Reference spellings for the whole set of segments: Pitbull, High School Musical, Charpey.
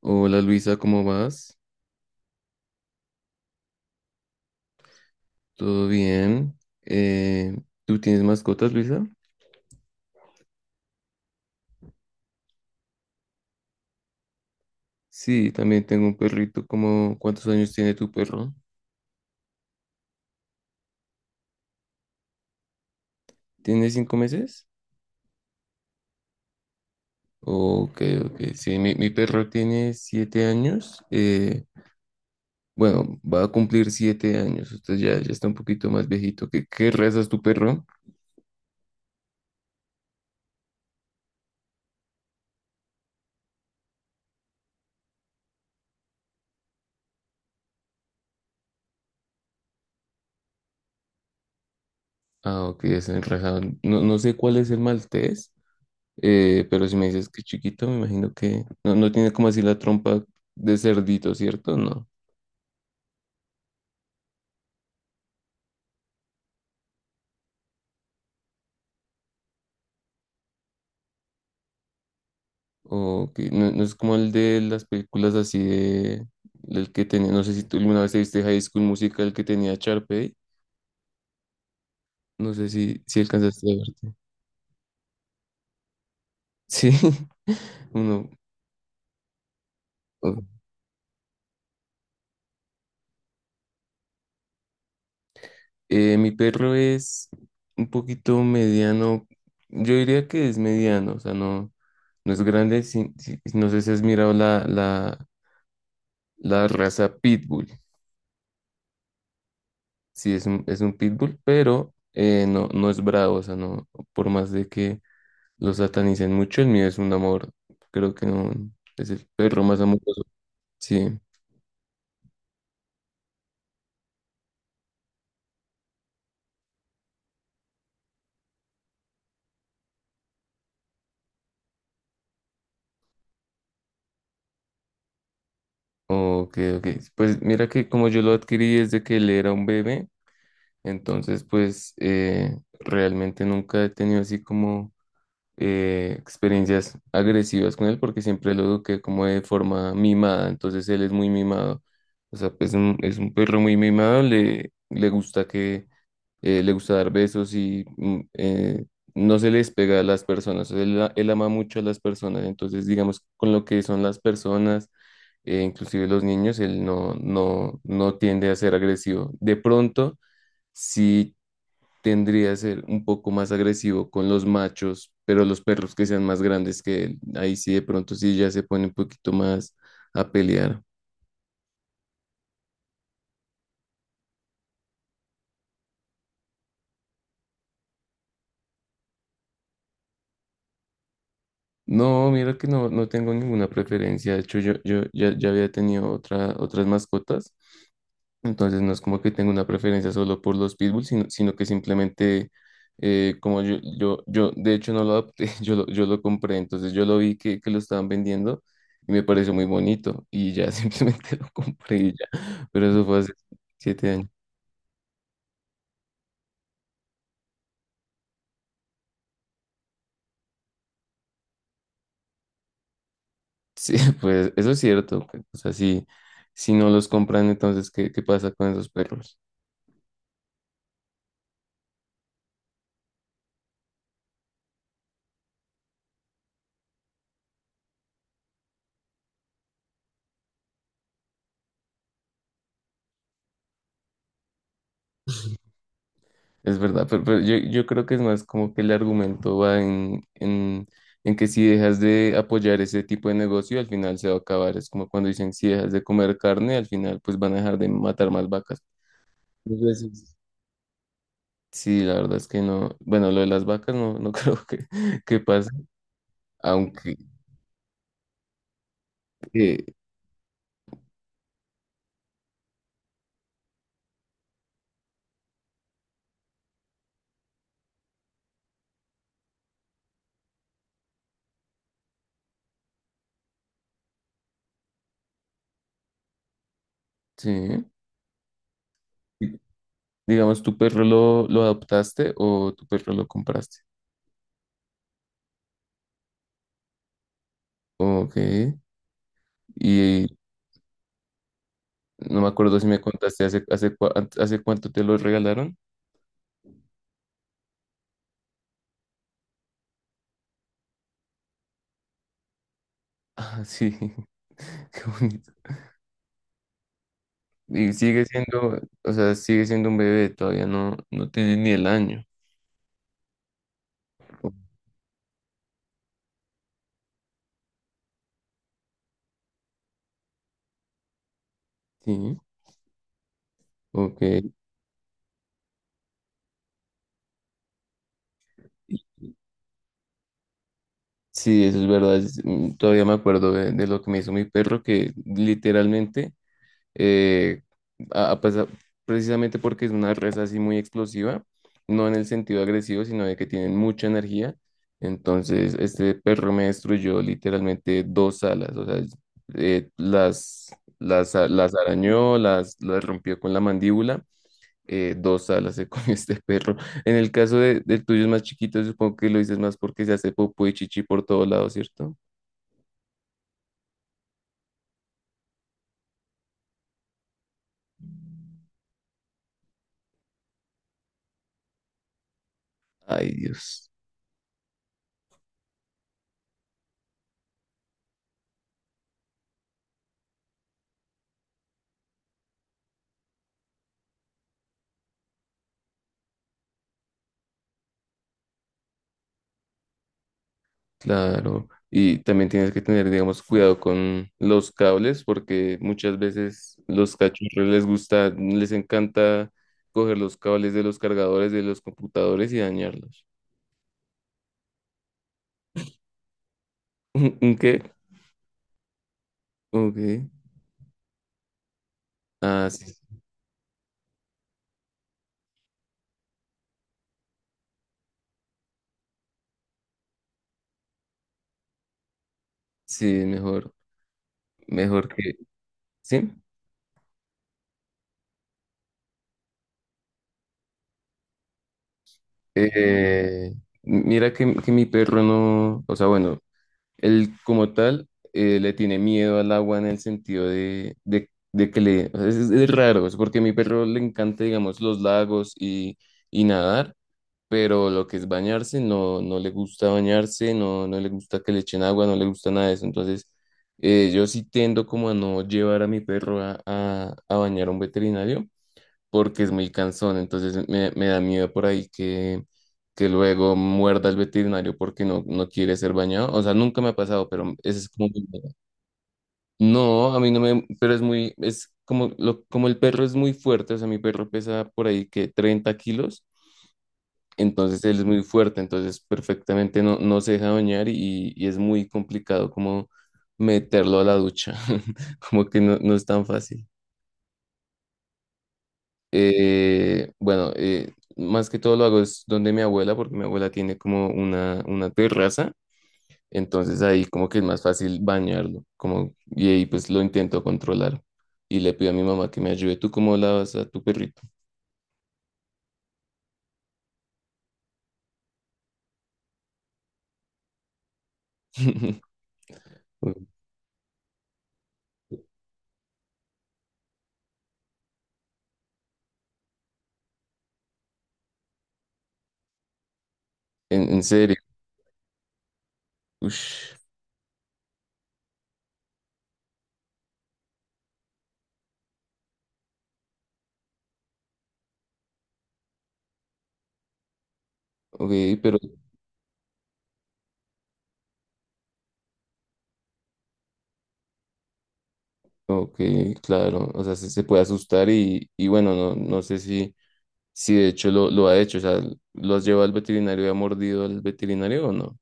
Hola Luisa, ¿cómo vas? ¿Todo bien? Eh, ¿Tú tienes mascotas, Luisa? Sí, también tengo un perrito. ¿Cuántos años tiene tu perro? ¿Tiene 5 meses? Ok, ok. Sí, mi perro tiene 7 años. Bueno, va a cumplir 7 años. Usted ya está un poquito más viejito. ¿Qué raza es tu perro? Ah, ok, es el raza. No, no sé cuál es el maltés, pero si me dices que es chiquito, me imagino que no, no tiene como así la trompa de cerdito, ¿cierto? No. Ok, no, no es como el de las películas así de... El que tenía, no sé si tú alguna vez te viste High School Musical que tenía Charpey. No sé si alcanzaste a verte. Sí, uno. o- Mi perro es un poquito mediano. Yo diría que es mediano, o sea, no, no es grande. Sí, no sé si has mirado la raza Pitbull. Sí, es es un Pitbull, pero no, no es bravo, o sea, no, por más de que lo satanizan mucho, el mío es un amor, creo que no, es el perro más amoroso. Sí, ok, ok. Pues mira que como yo lo adquirí desde que él era un bebé, entonces pues realmente nunca he tenido así como experiencias agresivas con él porque siempre lo eduqué como de forma mimada, entonces él es muy mimado, o sea, pues, es un perro muy mimado, le gusta que, le gusta dar besos y no se les pega a las personas, o sea, él ama mucho a las personas, entonces digamos con lo que son las personas, inclusive los niños, él no tiende a ser agresivo. De pronto, si tendría que ser un poco más agresivo con los machos, pero los perros que sean más grandes que él, ahí sí de pronto sí ya se pone un poquito más a pelear. No, mira que no, no tengo ninguna preferencia. De hecho, yo ya había tenido otras mascotas. Entonces no es como que tenga una preferencia solo por los pitbulls, sino que simplemente como yo, de hecho no lo adopté, yo lo compré, entonces yo lo vi que lo estaban vendiendo y me pareció muy bonito y ya, simplemente lo compré y ya, pero eso fue hace 7 años. Sí, pues eso es cierto, pues, o sea, si, si no los compran, entonces ¿qué, qué pasa con esos perros? Es verdad, pero yo creo que es más como que el argumento va en que si dejas de apoyar ese tipo de negocio, al final se va a acabar. Es como cuando dicen, si dejas de comer carne, al final pues van a dejar de matar más vacas. Muchas veces. Sí, la verdad es que no. Bueno, lo de las vacas no, no creo que pase, aunque eh, sí. Digamos, ¿tu perro lo adoptaste o tu perro lo compraste? Ok. Y no me acuerdo si me contaste hace cuánto te lo regalaron. Ah, sí, qué bonito. Y sigue siendo, o sea, sigue siendo un bebé, todavía no, no tiene ni el año. O- Sí, ok. Sí, eso es verdad. Todavía me acuerdo de lo que me hizo mi perro, que literalmente eh, a- a pesar- precisamente porque es una raza así muy explosiva, no en el sentido agresivo, sino de que tienen mucha energía. Entonces, este perro me destruyó literalmente dos alas, o sea, eh, las, las arañó, las rompió con la mandíbula. Dos alas se comió este perro. En el caso de, del tuyo es más chiquito, supongo que lo dices más porque se hace popó y chichi por todos lados, ¿cierto? Ay, Dios. Claro, y también tienes que tener, digamos, cuidado con los cables, porque muchas veces los cachorros les gusta, les encanta coger los cables de los cargadores de los computadores y dañarlos. ¿Un qué? Ok. Ah, sí, sí, mejor que, sí. Eh, Mira que mi perro no, o sea, bueno, él como tal le tiene miedo al agua en el sentido de que le... O sea, es raro, es porque a mi perro le encanta, digamos, los lagos y nadar, pero lo que es bañarse, no, no le gusta bañarse, no, no le gusta que le echen agua, no le gusta nada de eso. Entonces, yo sí tendo como a no llevar a mi perro a bañar a un veterinario porque es muy cansón, entonces me da miedo por ahí que luego muerda el veterinario porque no, no quiere ser bañado. O sea, nunca me ha pasado, pero ese es como... No, a mí no me... Pero es muy... Es como, lo, como el perro es muy fuerte, o sea, mi perro pesa por ahí que 30 kilos, entonces él es muy fuerte, entonces perfectamente no, no se deja bañar y es muy complicado como meterlo a la ducha, como que no, no es tan fácil. Bueno, más que todo lo hago es donde mi abuela, porque mi abuela tiene como una terraza, entonces ahí como que es más fácil bañarlo, como, y ahí pues lo intento controlar. Y le pido a mi mamá que me ayude. ¿Tú cómo lavas a tu perrito? Uy, en serio. Ush. Ok, pero, ok, claro, o sea, se puede asustar y bueno, no, no sé si, si de hecho lo ha hecho, o sea, ¿lo has llevado al veterinario y ha mordido al veterinario o no?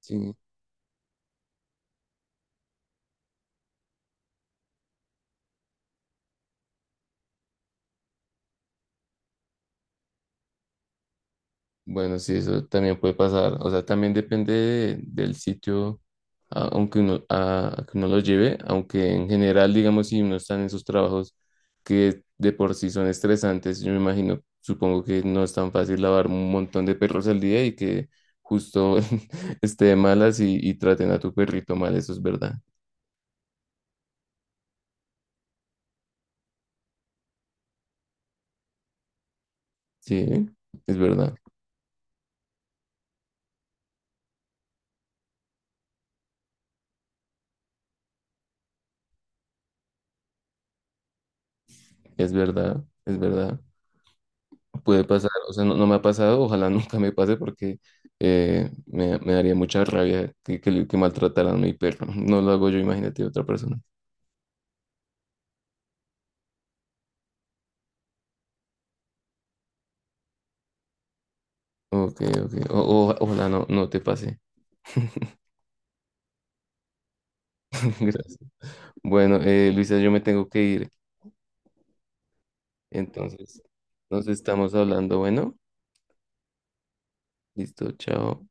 Sí. Bueno, sí, eso también puede pasar. O sea, también depende del sitio a- aunque uno, a que uno lo lleve, aunque en general, digamos, si uno está en esos trabajos que de por sí son estresantes, yo me imagino, supongo que no es tan fácil lavar un montón de perros al día y que justo esté de malas y traten a tu perrito mal, eso es verdad. Sí, es verdad, es verdad, es verdad. Puede pasar, o sea, no, no me ha pasado, ojalá nunca me pase porque me daría mucha rabia que maltrataran a mi perro. No lo hago yo, imagínate otra persona. Ok, ok. Ojalá no, no te pase. Gracias. Bueno, Luisa, yo me tengo que ir. Entonces, nos estamos hablando. Bueno, listo, chao.